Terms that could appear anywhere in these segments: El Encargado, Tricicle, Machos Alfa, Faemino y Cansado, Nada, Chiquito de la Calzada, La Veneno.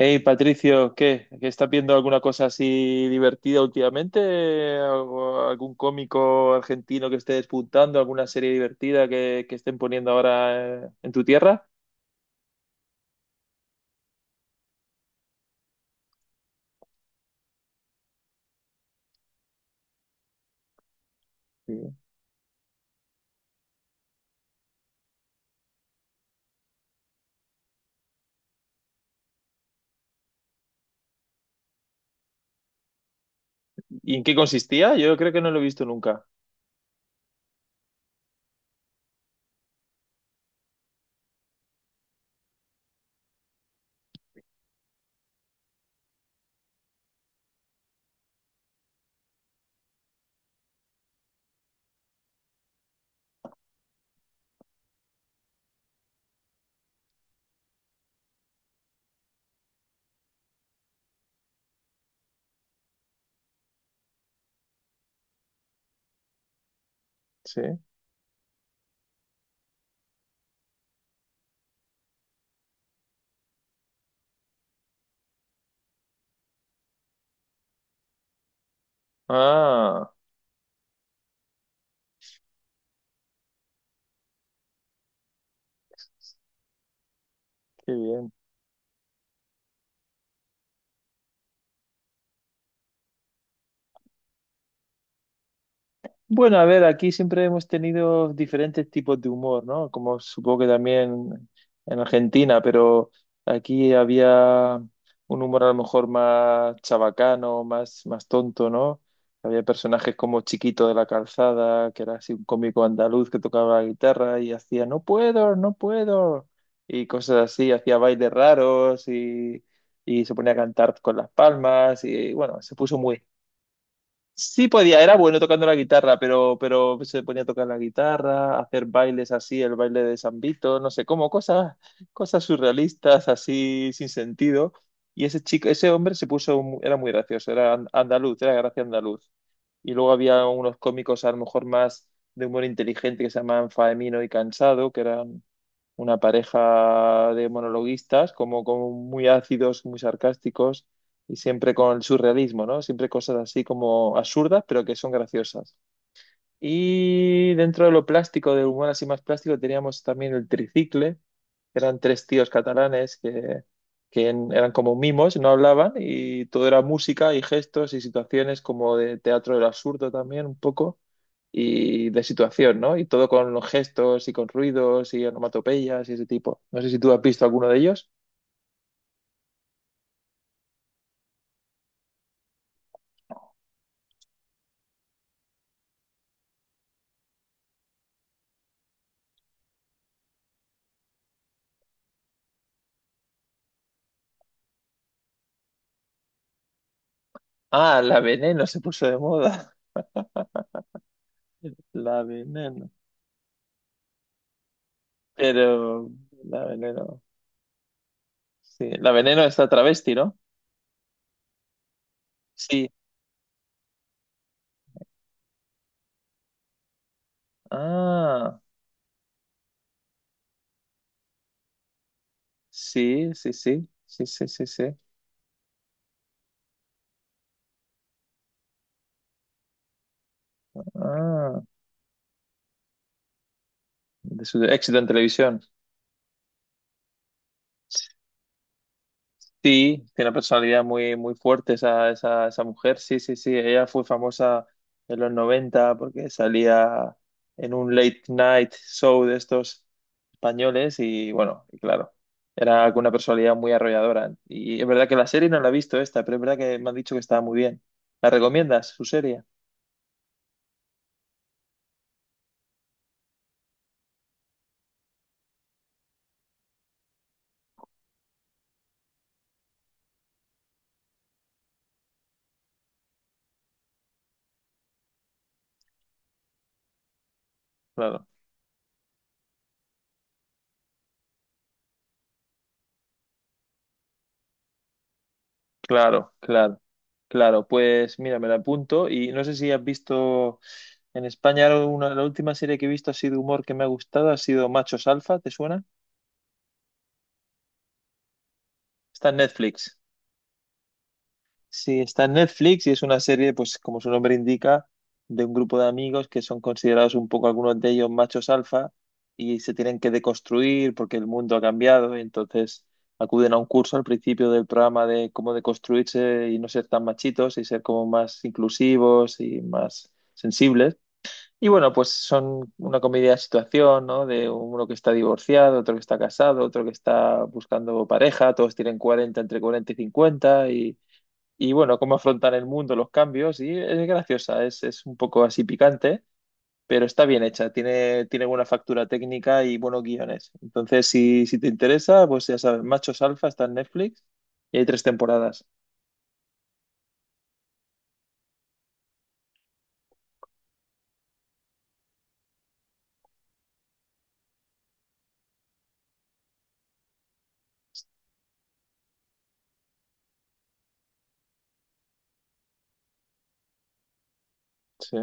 Hey, Patricio, ¿qué? ¿Qué estás viendo alguna cosa así divertida últimamente? ¿Algún cómico argentino que esté despuntando? ¿Alguna serie divertida que estén poniendo ahora en tu tierra? Sí. ¿Y en qué consistía? Yo creo que no lo he visto nunca. Sí. Ah, qué bien. Bueno, a ver, aquí siempre hemos tenido diferentes tipos de humor, ¿no? Como supongo que también en Argentina, pero aquí había un humor a lo mejor más chabacano, más tonto, ¿no? Había personajes como Chiquito de la Calzada, que era así un cómico andaluz que tocaba la guitarra y hacía no puedo, no puedo, y cosas así, hacía bailes raros y se ponía a cantar con las palmas y bueno, se puso muy Sí podía, era bueno tocando la guitarra, pero se ponía a tocar la guitarra, a hacer bailes así, el baile de San Vito, no sé cómo, cosas, cosas surrealistas, así sin sentido. Y ese chico, ese hombre se puso, era muy gracioso, era andaluz, era gracia andaluz. Y luego había unos cómicos a lo mejor más de humor inteligente que se llamaban Faemino y Cansado, que eran una pareja de monologuistas como muy ácidos, muy sarcásticos y siempre con el surrealismo, ¿no? Siempre cosas así como absurdas, pero que son graciosas. Y dentro de lo plástico, del humor así más plástico, teníamos también el tricicle, eran tres tíos catalanes que, eran como mimos, no hablaban y todo era música y gestos y situaciones como de teatro del absurdo también un poco y de situación, ¿no? Y todo con los gestos y con ruidos y onomatopeyas y ese tipo. No sé si tú has visto alguno de ellos. Ah, la Veneno se puso de moda. La Veneno. Pero la Veneno. Sí, la Veneno está travesti, ¿no? Sí. Ah, sí, sí, sí. Sí, sí, sí, sí. Ah, de su éxito en televisión. Sí, tiene una personalidad muy, muy fuerte esa, esa mujer. Sí, sí, sí. Ella fue famosa en los 90 porque salía en un late night show de estos españoles y bueno, y claro, era con una personalidad muy arrolladora. Y es verdad que la serie no la he visto esta, pero es verdad que me han dicho que estaba muy bien. ¿La recomiendas, su serie? Claro, claro, claro. Claro, pues mira, me la apunto y no sé si has visto en España una, la última serie que he visto ha sido humor que me ha gustado, ha sido Machos Alfa, ¿te suena? Está en Netflix. Sí, está en Netflix y es una serie, pues como su nombre indica, de un grupo de amigos que son considerados un poco algunos de ellos machos alfa y se tienen que deconstruir porque el mundo ha cambiado y entonces acuden a un curso al principio del programa de cómo deconstruirse y no ser tan machitos y ser como más inclusivos y más sensibles. Y bueno, pues son una comedia de situación, ¿no? De uno que está divorciado, otro que está casado, otro que está buscando pareja, todos tienen 40, entre 40 y 50 y bueno, cómo afrontar el mundo, los cambios, y es graciosa, es un poco así picante, pero está bien hecha, tiene, tiene buena factura técnica y buenos guiones. Entonces, si, si te interesa, pues ya sabes, Machos Alfa está en Netflix y hay tres temporadas. Sí.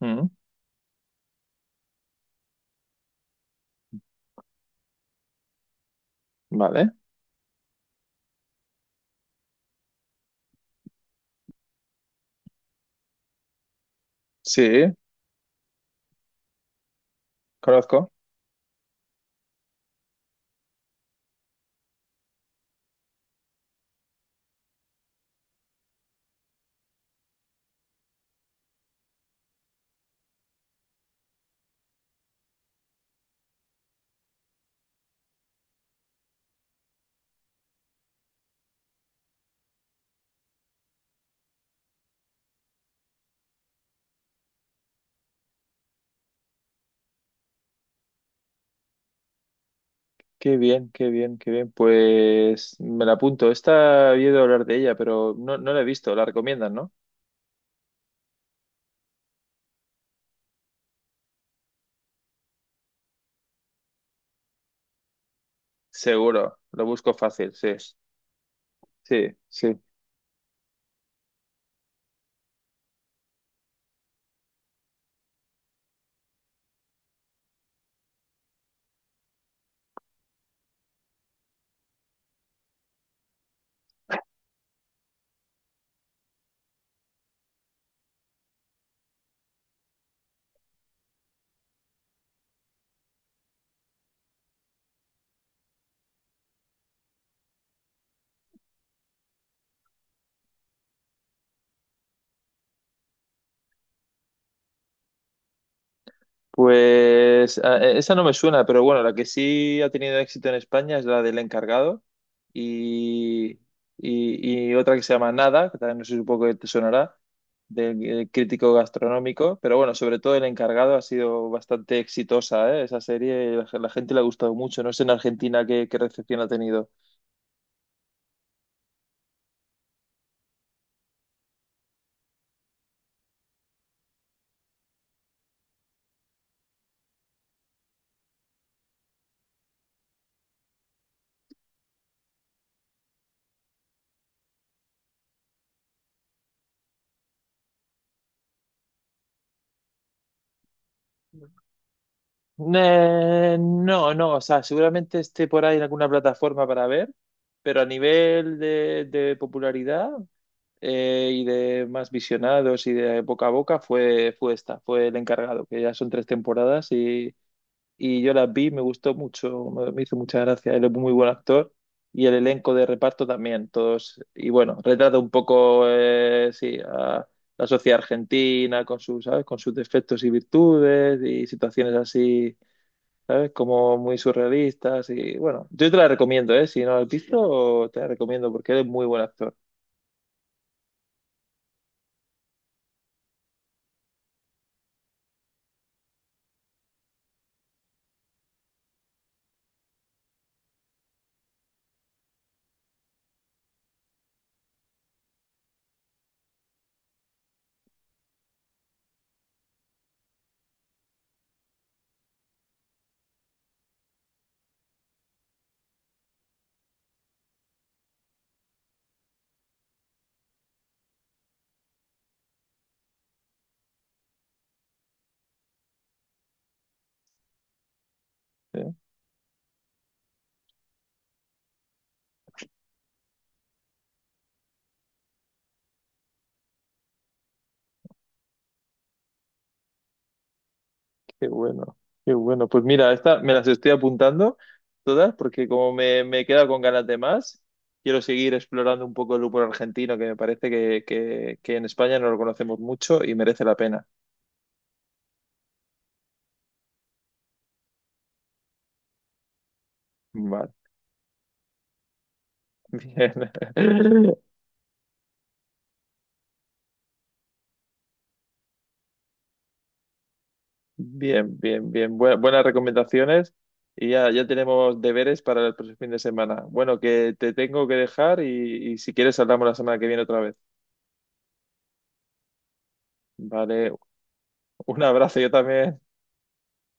Mm, vale. Sí, conozco. Qué bien, qué bien, qué bien. Pues me la apunto. Esta he oído hablar de ella, pero no, no la he visto. La recomiendan, ¿no? Seguro. Lo busco fácil, sí. Sí, sí. Pues esa no me suena, pero bueno, la que sí ha tenido éxito en España es la del encargado y, y otra que se llama Nada, que también no sé, supongo que te sonará, del crítico gastronómico, pero bueno, sobre todo el encargado ha sido bastante exitosa, ¿eh? Esa serie, la gente le ha gustado mucho, no sé en Argentina qué, qué recepción ha tenido. No, no, o sea, seguramente esté por ahí en alguna plataforma para ver, pero a nivel de popularidad, y de más visionados y de boca a boca fue el encargado, que ya son tres temporadas y yo las vi, me gustó mucho, me hizo mucha gracia, él es muy buen actor y el elenco de reparto también, todos, y bueno, retrata un poco, sí, a la sociedad argentina con sus, ¿sabes? Con sus defectos y virtudes y situaciones así. ¿Sabes? Como muy surrealistas y bueno, yo te la recomiendo, ¿eh? Si no la has visto, te la recomiendo porque él es muy buen actor. ¿Sí? Qué bueno, qué bueno. Pues mira, esta me las estoy apuntando todas porque como me he quedado con ganas de más, quiero seguir explorando un poco el humor argentino que me parece que, que en España no lo conocemos mucho y merece la pena. Vale, bien. Bien, bien, bien. Buenas recomendaciones y ya, ya tenemos deberes para el próximo fin de semana. Bueno, que te tengo que dejar y si quieres hablamos la semana que viene otra vez. Vale, un abrazo, yo también.